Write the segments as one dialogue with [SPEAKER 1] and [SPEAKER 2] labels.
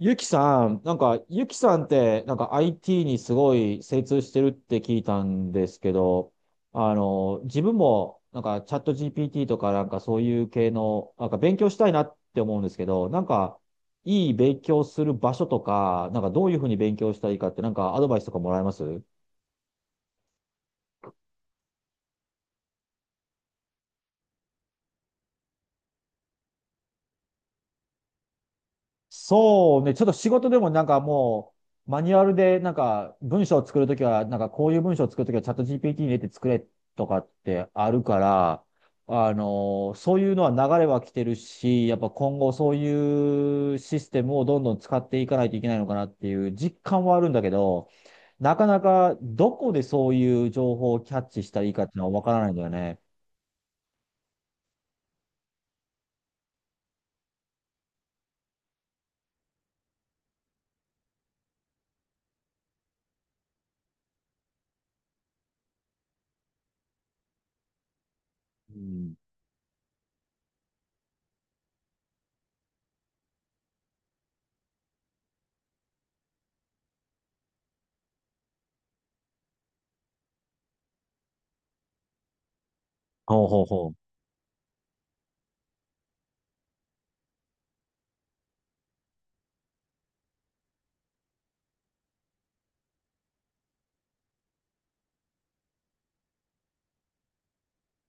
[SPEAKER 1] ゆきさん、ゆきさんって、IT にすごい精通してるって聞いたんですけど、自分も、チャット GPT とか、そういう系の、勉強したいなって思うんですけど、いい勉強する場所とか、どういうふうに勉強したらいいかって、アドバイスとかもらえます？そうね、ちょっと仕事でもなんかもう、マニュアルで文章を作るときは、こういう文章を作るときはチャット GPT に入れて作れとかってあるから、そういうのは流れは来てるし、やっぱ今後そういうシステムをどんどん使っていかないといけないのかなっていう実感はあるんだけど、なかなかどこでそういう情報をキャッチしたらいいかっていうのはわからないんだよね。うん。ほうほうほう。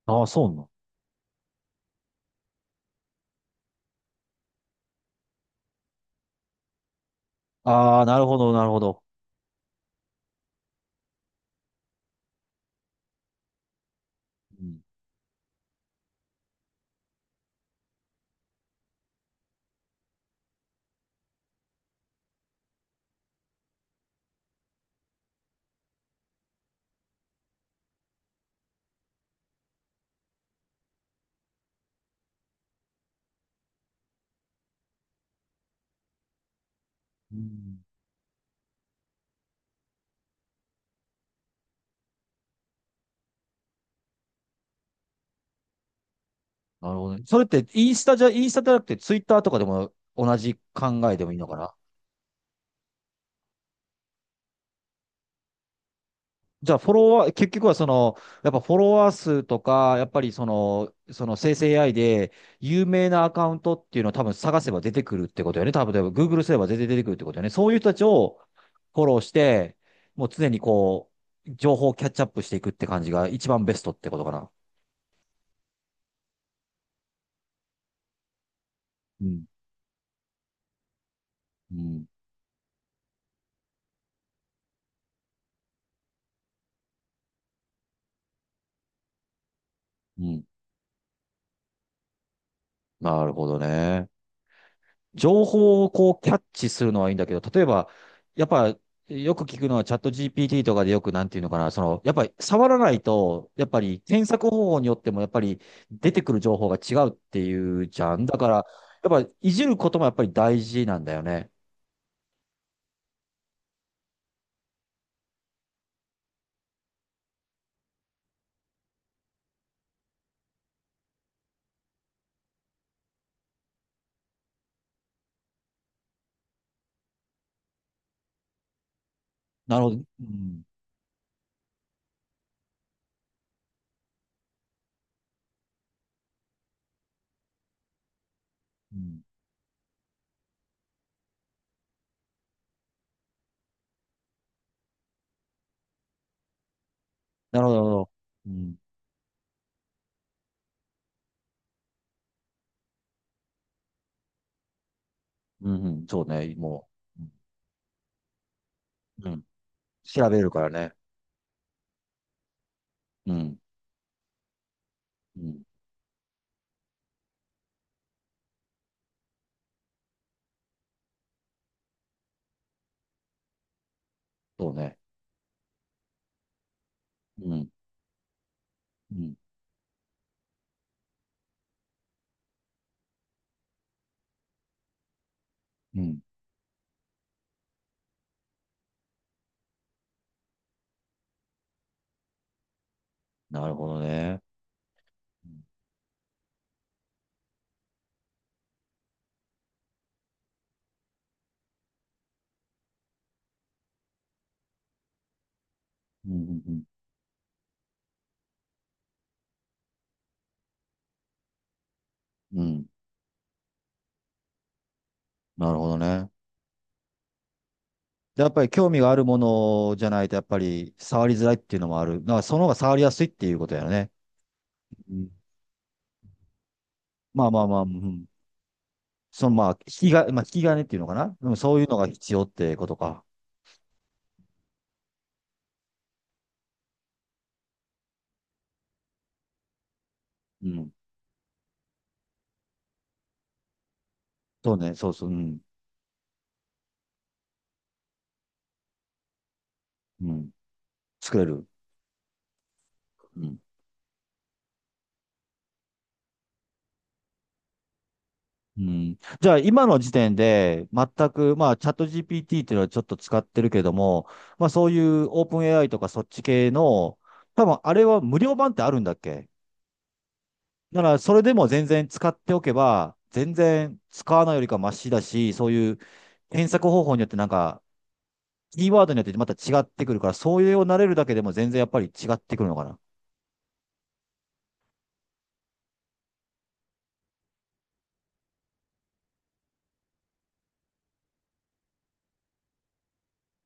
[SPEAKER 1] ああ、そうなの。ああ、なるほど、なるほど。うん。うん。なるほどね。それって、インスタじゃなくて、ツイッターとかでも同じ考えでもいいのかな？じゃあ、フォロワー、結局はその、やっぱフォロワー数とか、やっぱりその、その生成 AI で、有名なアカウントっていうのを多分探せば出てくるってことよね。多分、例えば Google すれば全然出てくるってことよね。そういう人たちをフォローして、もう常にこう、情報をキャッチアップしていくって感じが一番ベストってことかな。うん。うん。うん。なるほどね。情報をこうキャッチするのはいいんだけど、例えば、やっぱ、よく聞くのはチャット GPT とかでよくなんていうのかな、その、やっぱり触らないと、やっぱり検索方法によってもやっぱり出てくる情報が違うっていうじゃん。だから、やっぱいじることもやっぱり大事なんだよね。なるほど。うん。うん。なるほど、なるほど。うん。うん、うん、そうね、もう、うん。調べるからね。うん。うん。そうね。うん。うん。うん。なるほどね。うん。うん。うん。うん。なるほどね。で、やっぱり興味があるものじゃないと、やっぱり触りづらいっていうのもある。だからその方が触りやすいっていうことやね。うん。まあまあまあ、うん。そのまあ、引きが、まあ、引き金っていうのかな。でもそういうのが必要ってことか。うん。そうね、そうそう、うん。うん。作れる。うん。うん。じゃあ、今の時点で、全く、まあ、チャット GPT っていうのはちょっと使ってるけども、まあ、そういうオープン AI とかそっち系の、多分、あれは無料版ってあるんだっけ？だから、それでも全然使っておけば、全然使わないよりかマシだし、そういう検索方法によってなんか、キーワードによってまた違ってくるから、そういうよを慣れるだけでも全然やっぱり違ってくるのかな。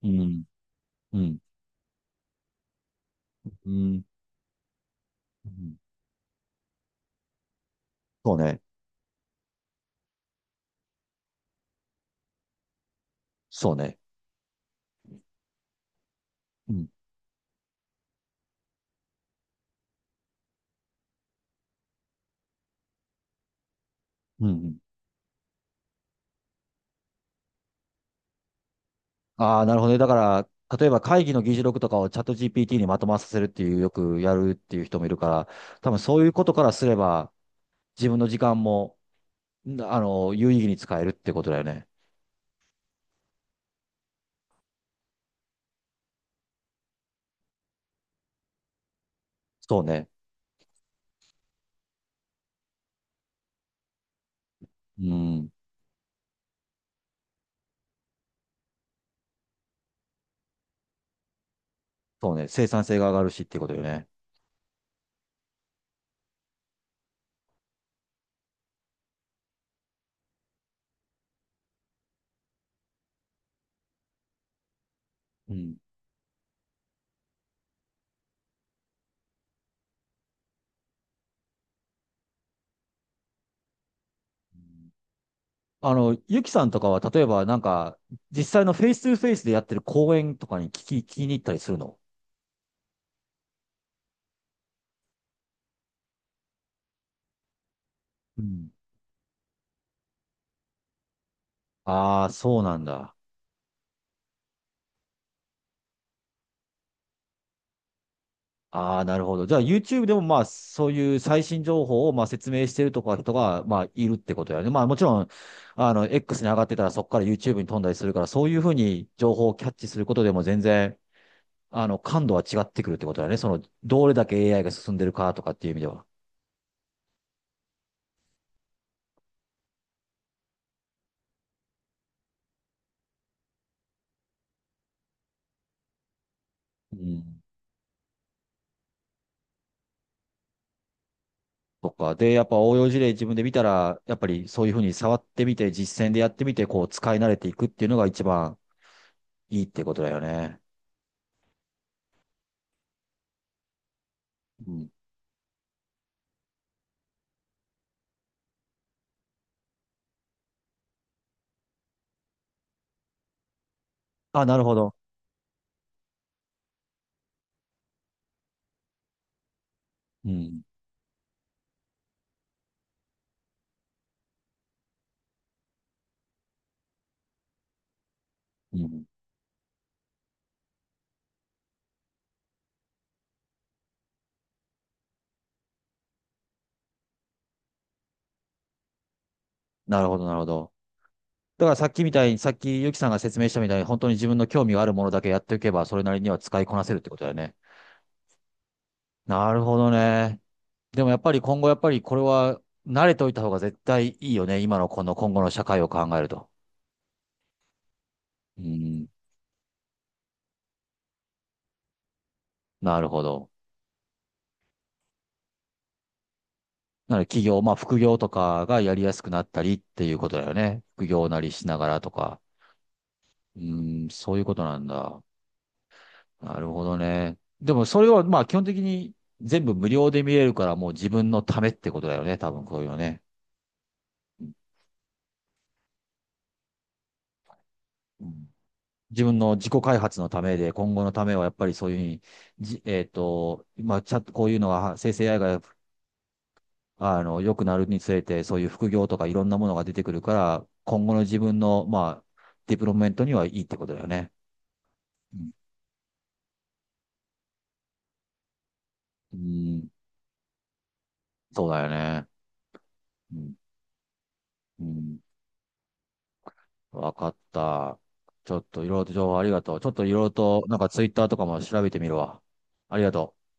[SPEAKER 1] うん、うん、うん、うん。そうね。そうね。うん、うん。ああー、なるほどね。だから、例えば会議の議事録とかをチャット GPT にまとまらさせるっていう、よくやるっていう人もいるから、多分そういうことからすれば、自分の時間も、有意義に使えるってことだよね。そうね。うん。そうね、生産性が上がるしっていうことよね。うん。あの、ゆきさんとかは、例えばなんか、実際のフェイストゥフェイスでやってる講演とかに聞きに行ったりするの？うん。ああ、そうなんだ。ああ、なるほど。じゃあ YouTube でもまあ、そういう最新情報をまあ説明してるとか人がまあいるってことやね。まあもちろん、あの、X に上がってたらそこから YouTube に飛んだりするから、そういうふうに情報をキャッチすることでも全然、あの、感度は違ってくるってことだね。その、どれだけ AI が進んでるかとかっていう意味では。うん。とかで、やっぱ応用事例自分で見たら、やっぱりそういうふうに触ってみて、実践でやってみて、こう使い慣れていくっていうのが一番いいってことだよね。うん。あ、なるほど。うん。うん。なるほど、なるほど。だからさっきみたいに、さっきゆきさんが説明したみたいに、本当に自分の興味があるものだけやっておけば、それなりには使いこなせるってことだよね。なるほどね。でもやっぱり今後、やっぱりこれは慣れておいた方が絶対いいよね。今のこの今後の社会を考えると。うん。なるほど。なので企業、まあ副業とかがやりやすくなったりっていうことだよね。副業なりしながらとか。うーん、そういうことなんだ。なるほどね。でもそれはまあ基本的に全部無料で見れるからもう自分のためってことだよね。多分こういうのね。うん。自分の自己開発のためで、今後のためはやっぱりそういうふうに、じ、えっと、まあ、ちゃんとこういうのが、生成 AI が、あの、良くなるにつれて、そういう副業とかいろんなものが出てくるから、今後の自分の、まあ、ディプロップメントにはいいってことだよね。うん、そうだよね。うん、うん、わかった。ちょっといろいろと情報ありがとう。ちょっといろいろと、なんかツイッターとかも調べてみるわ。ありがとう。